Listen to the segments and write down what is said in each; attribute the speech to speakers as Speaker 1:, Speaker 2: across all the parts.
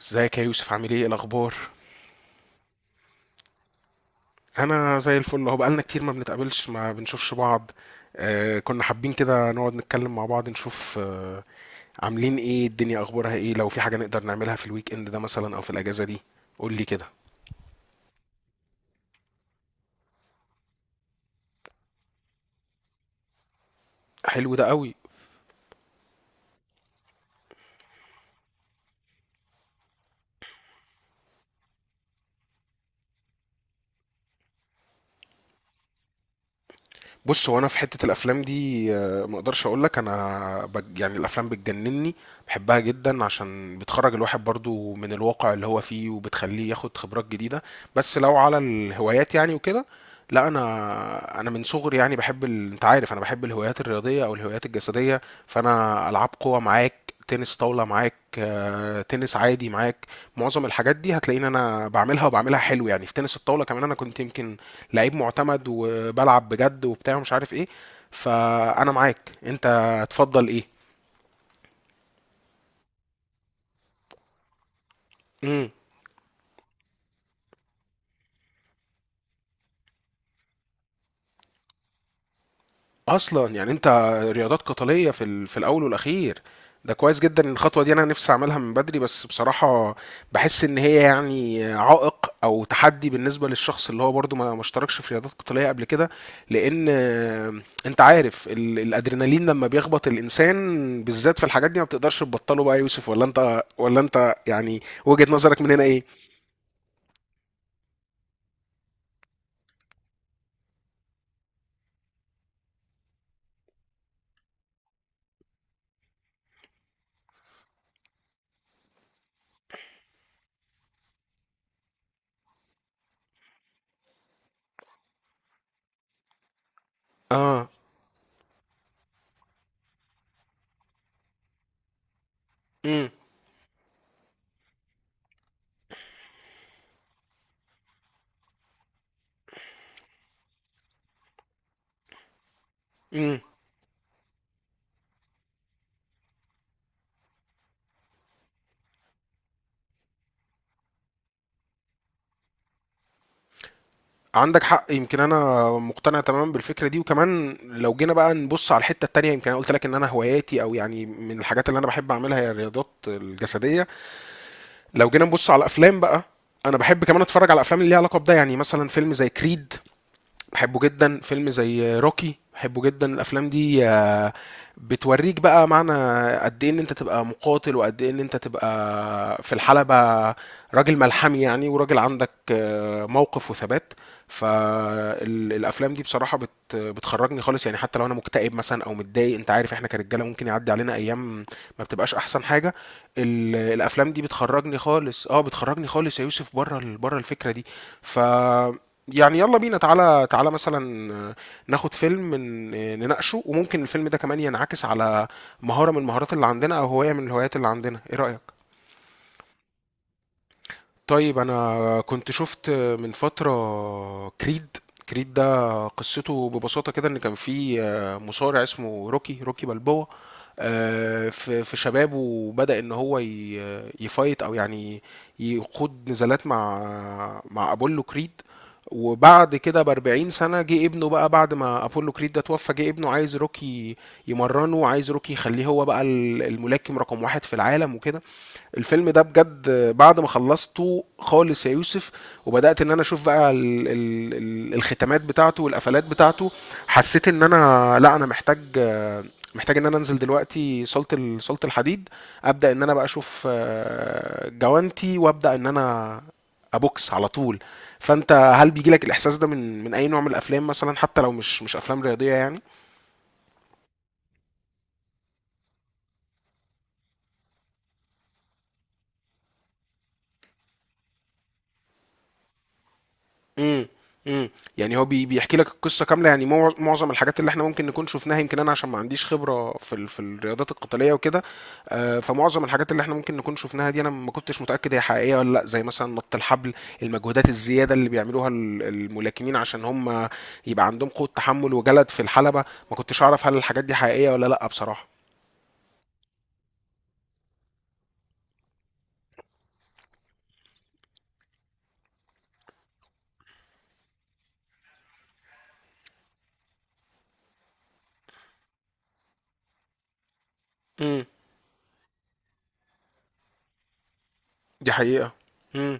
Speaker 1: ازيك يا يوسف؟ عامل ايه؟ إيه الاخبار؟ انا زي الفل اهو. بقالنا كتير ما بنتقابلش، ما بنشوفش بعض. آه، كنا حابين كده نقعد نتكلم مع بعض، نشوف عاملين ايه، الدنيا اخبارها ايه، لو في حاجة نقدر نعملها في الويك اند ده مثلا او في الاجازة دي. قول لي كده. حلو ده قوي. بص، هو انا في حته الافلام دي، ما اقدرش اقول لك، يعني الافلام بتجنني، بحبها جدا، عشان بتخرج الواحد برضو من الواقع اللي هو فيه، وبتخليه ياخد خبرات جديده. بس لو على الهوايات يعني وكده، لا، انا من صغري يعني بحب انت عارف انا بحب الهوايات الرياضيه او الهوايات الجسديه. فانا العاب قوه معاك، تنس طاوله معاك، تنس عادي معاك. معظم الحاجات دي هتلاقيني انا بعملها، وبعملها حلو يعني. في تنس الطاوله كمان انا كنت يمكن لعيب معتمد، وبلعب بجد وبتاع ومش عارف ايه. فانا معاك، انت تفضل ايه؟ امم، اصلا يعني انت رياضات قتاليه في في الاول والاخير. ده كويس جدا إن الخطوه دي، انا نفسي اعملها من بدري، بس بصراحه بحس ان هي يعني عائق او تحدي بالنسبه للشخص اللي هو برضو ما اشتركش في رياضات قتاليه قبل كده، لان انت عارف الادرينالين لما بيخبط الانسان بالذات في الحاجات دي ما بتقدرش تبطله بقى يا يوسف. ولا انت؟ ولا انت يعني وجهه نظرك من هنا ايه؟ اه. امم. امم. عندك حق. يمكن انا مقتنع تماما بالفكره دي. وكمان لو جينا بقى نبص على الحته التانيه، يمكن انا قلت لك ان انا هواياتي، او يعني من الحاجات اللي انا بحب اعملها هي الرياضات الجسديه. لو جينا نبص على الافلام بقى، انا بحب كمان اتفرج على افلام اللي ليها علاقه بده، يعني مثلا فيلم زي كريد بحبه جدا، فيلم زي روكي بحبه جدا. الافلام دي بتوريك بقى معنى قد ايه ان انت تبقى مقاتل، وقد ايه ان انت تبقى في الحلبة راجل ملحمي يعني، وراجل عندك موقف وثبات. فالافلام دي بصراحة بتخرجني خالص يعني، حتى لو انا مكتئب مثلا او متضايق، انت عارف احنا كرجالة ممكن يعدي علينا ايام ما بتبقاش احسن حاجة، الافلام دي بتخرجني خالص. اه بتخرجني خالص يا يوسف بره بره الفكرة دي. ف يعني يلا بينا، تعالى تعالى مثلا ناخد فيلم نناقشه، وممكن الفيلم ده كمان ينعكس على مهارة من المهارات اللي عندنا، أو هواية من الهوايات اللي عندنا. إيه رأيك؟ طيب، أنا كنت شفت من فترة كريد. كريد ده قصته ببساطة كده إن كان في مصارع اسمه روكي، روكي بالبوا، في في شبابه بدأ ان هو يفايت او يعني يخوض نزالات مع مع ابولو كريد. وبعد كده ب 40 سنه، جه ابنه بقى، بعد ما ابولو كريد ده توفى جه ابنه عايز روكي يمرنه، وعايز روكي يخليه هو بقى الملاكم رقم واحد في العالم وكده. الفيلم ده بجد، بعد ما خلصته خالص يا يوسف، وبدأت ان انا اشوف بقى ال الختامات بتاعته والقفلات بتاعته، حسيت ان انا، لا، انا محتاج، محتاج ان انا انزل دلوقتي صالة صالة الحديد، ابدأ ان انا بقى اشوف جوانتي وابدأ ان انا ابوكس على طول. فانت هل بيجي لك الاحساس ده من من اي نوع من الافلام مثلا، حتى لو مش افلام رياضيه يعني؟ امم. امم. يعني هو بيحكي لك القصه كامله يعني. معظم الحاجات اللي احنا ممكن نكون شفناها، يمكن انا عشان ما عنديش خبره في في الرياضات القتاليه وكده، فمعظم الحاجات اللي احنا ممكن نكون شفناها دي، انا ما كنتش متاكد هي حقيقيه ولا لا، زي مثلا نط الحبل، المجهودات الزياده اللي بيعملوها الملاكمين عشان هم يبقى عندهم قوه تحمل وجلد في الحلبه. ما كنتش اعرف هل الحاجات دي حقيقيه ولا لا بصراحه. امم، دي حقيقه. امم.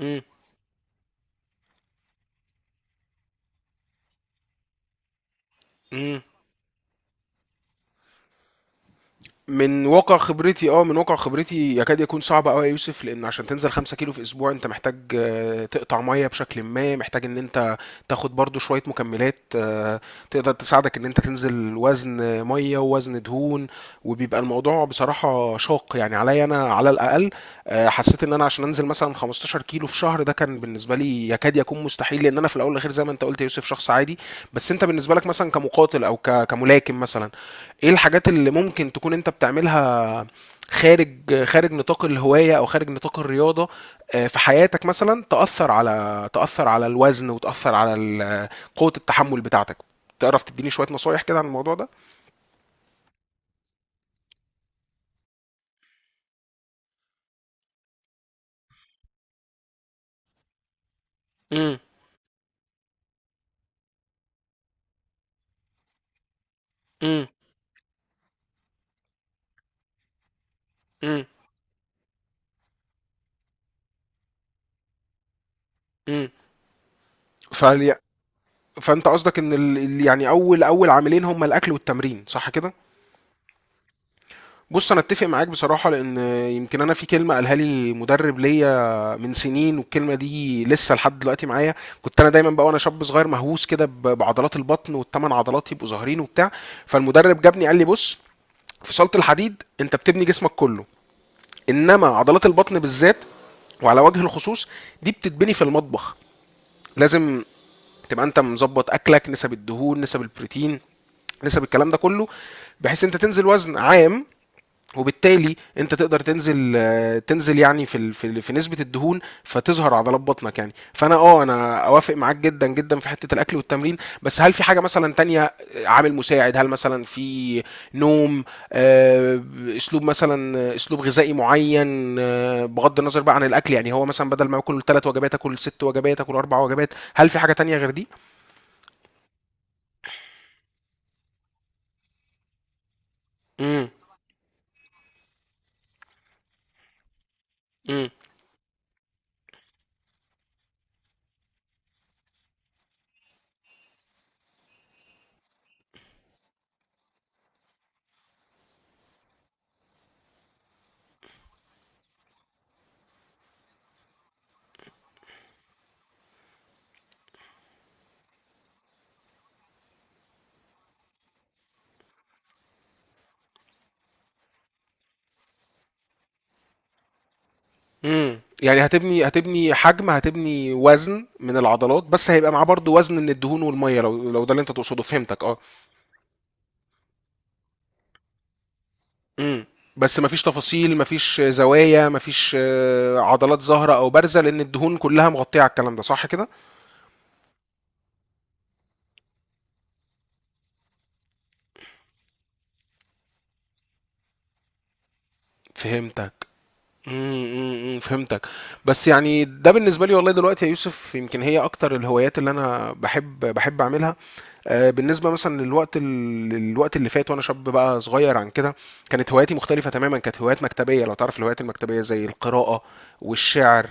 Speaker 1: امم. إمم. من واقع خبرتي، من واقع خبرتي يكاد يكون صعب أوي يا يوسف، لإن عشان تنزل 5 كيلو في أسبوع أنت محتاج تقطع مَيّة بشكلٍ ما، محتاج إن أنت تاخد برضه شوية مكملات تقدر تساعدك إن أنت تنزل وزن مَيّة ووزن دهون، وبيبقى الموضوع بصراحة شاق، يعني عليّا أنا على الأقل. حسيت إن أنا عشان أنزل مثلًا 15 كيلو في شهر، ده كان بالنسبة لي يكاد يكون مستحيل، لإن أنا في الأول والأخير زي ما أنت قُلت يا يوسف شخص عادي. بس أنت بالنسبة لك مثلًا كمقاتل أو كملاكم مثلًا، ايه الحاجات اللي ممكن تكون انت بتعملها خارج، خارج نطاق الهواية او خارج نطاق الرياضة، في حياتك مثلا تأثر على، تأثر على الوزن وتأثر على قوة التحمل بتاعتك؟ تعرف تديني شوية نصايح كده عن الموضوع ده؟ امم. امم. امم. امم. فال... فانت قصدك ان يعني اول، اول عاملين هما الاكل والتمرين، صح كده؟ بص انا اتفق معاك بصراحه، لان يمكن انا في كلمه قالها لي مدرب ليا من سنين، والكلمه دي لسه لحد دلوقتي معايا. كنت انا دايما بقى وانا شاب صغير مهووس كده بعضلات البطن، والثمان عضلات يبقوا ظاهرين وبتاع. فالمدرب جابني قال لي بص، في صاله الحديد انت بتبني جسمك كله، انما عضلات البطن بالذات وعلى وجه الخصوص دي بتتبني في المطبخ. لازم تبقى انت مظبط اكلك، نسب الدهون، نسب البروتين، نسب الكلام ده كله، بحيث انت تنزل وزن عام، وبالتالي انت تقدر تنزل تنزل يعني في في نسبه الدهون، فتظهر عضلات بطنك يعني. فانا اه انا اوافق معاك جدا جدا في حته الاكل والتمرين. بس هل في حاجه مثلا تانية، عامل مساعد؟ هل مثلا في نوم، آه، اسلوب مثلا، اسلوب غذائي معين، بغض النظر بقى عن الاكل، يعني هو مثلا بدل ما اكل ثلاث وجبات اكل ست وجبات، اكل اربع وجبات؟ هل في حاجه تانية غير دي؟ امم. امم. يعني هتبني حجم، هتبني وزن من العضلات، بس هيبقى معاه برضو وزن من الدهون والميه، لو لو ده اللي انت تقصده؟ فهمتك، اه. امم. بس مفيش تفاصيل، مفيش زوايا، مفيش عضلات ظاهرة او بارزة، لان الدهون كلها مغطية على الكلام ده، صح كده؟ فهمتك. امم. أمم، فهمتك. بس يعني ده بالنسبة لي والله دلوقتي يا يوسف، يمكن هي اكتر الهوايات اللي انا بحب اعملها. بالنسبه مثلا للوقت، الوقت اللي فات وانا شاب بقى صغير عن كده، كانت هواياتي مختلفه تماما، كانت هوايات مكتبيه. لو تعرف الهوايات المكتبيه زي القراءه والشعر،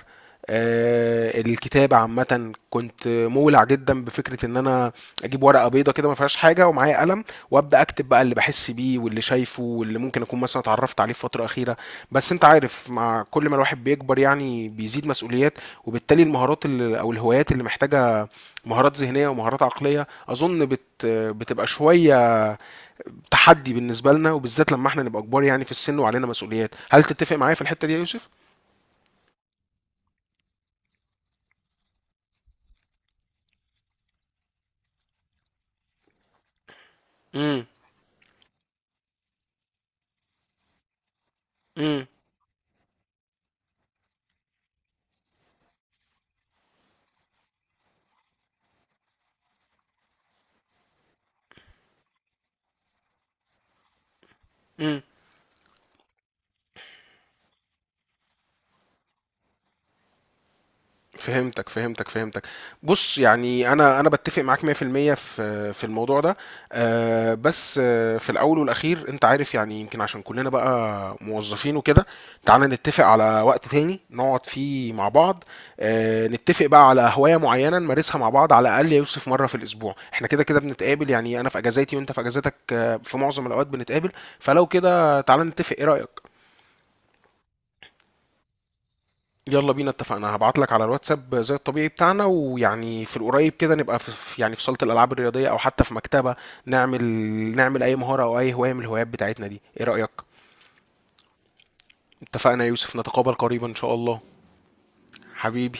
Speaker 1: الكتابة عامة. كنت مولع جدا بفكرة ان انا اجيب ورقة بيضة كده ما فيهاش حاجة ومعايا قلم، وابدا اكتب بقى اللي بحس بيه، واللي شايفه، واللي ممكن اكون مثلا اتعرفت عليه في فترة اخيرة. بس انت عارف، مع كل ما الواحد بيكبر يعني بيزيد مسؤوليات، وبالتالي المهارات اللي، او الهوايات اللي محتاجة مهارات ذهنيه ومهارات عقليه، اظن بتبقى شويه تحدي بالنسبه لنا، وبالذات لما احنا نبقى كبار يعني في السن وعلينا مسؤوليات. هل تتفق معايا في الحته دي يا يوسف؟ امم. امم. امم. فهمتك فهمتك. بص يعني، انا بتفق معاك 100% في المية في في الموضوع ده. بس في الاول والاخير انت عارف يعني، يمكن عشان كلنا بقى موظفين وكده، تعالى نتفق على وقت تاني نقعد فيه مع بعض، نتفق بقى على هواية معينة نمارسها مع بعض، على الاقل يا يوسف مرة في الاسبوع. احنا كده كده بنتقابل يعني، انا في اجازاتي وانت في اجازاتك، في معظم الاوقات بنتقابل، فلو كده تعالى نتفق. ايه رأيك؟ يلا بينا، اتفقنا. هبعت لك على الواتساب زي الطبيعي بتاعنا، ويعني في القريب كده نبقى في يعني في صالة الألعاب الرياضية، أو حتى في مكتبة، نعمل، نعمل أي مهارة أو أي هواية من الهوايات بتاعتنا دي. إيه رأيك؟ اتفقنا يا يوسف، نتقابل قريبا إن شاء الله. حبيبي.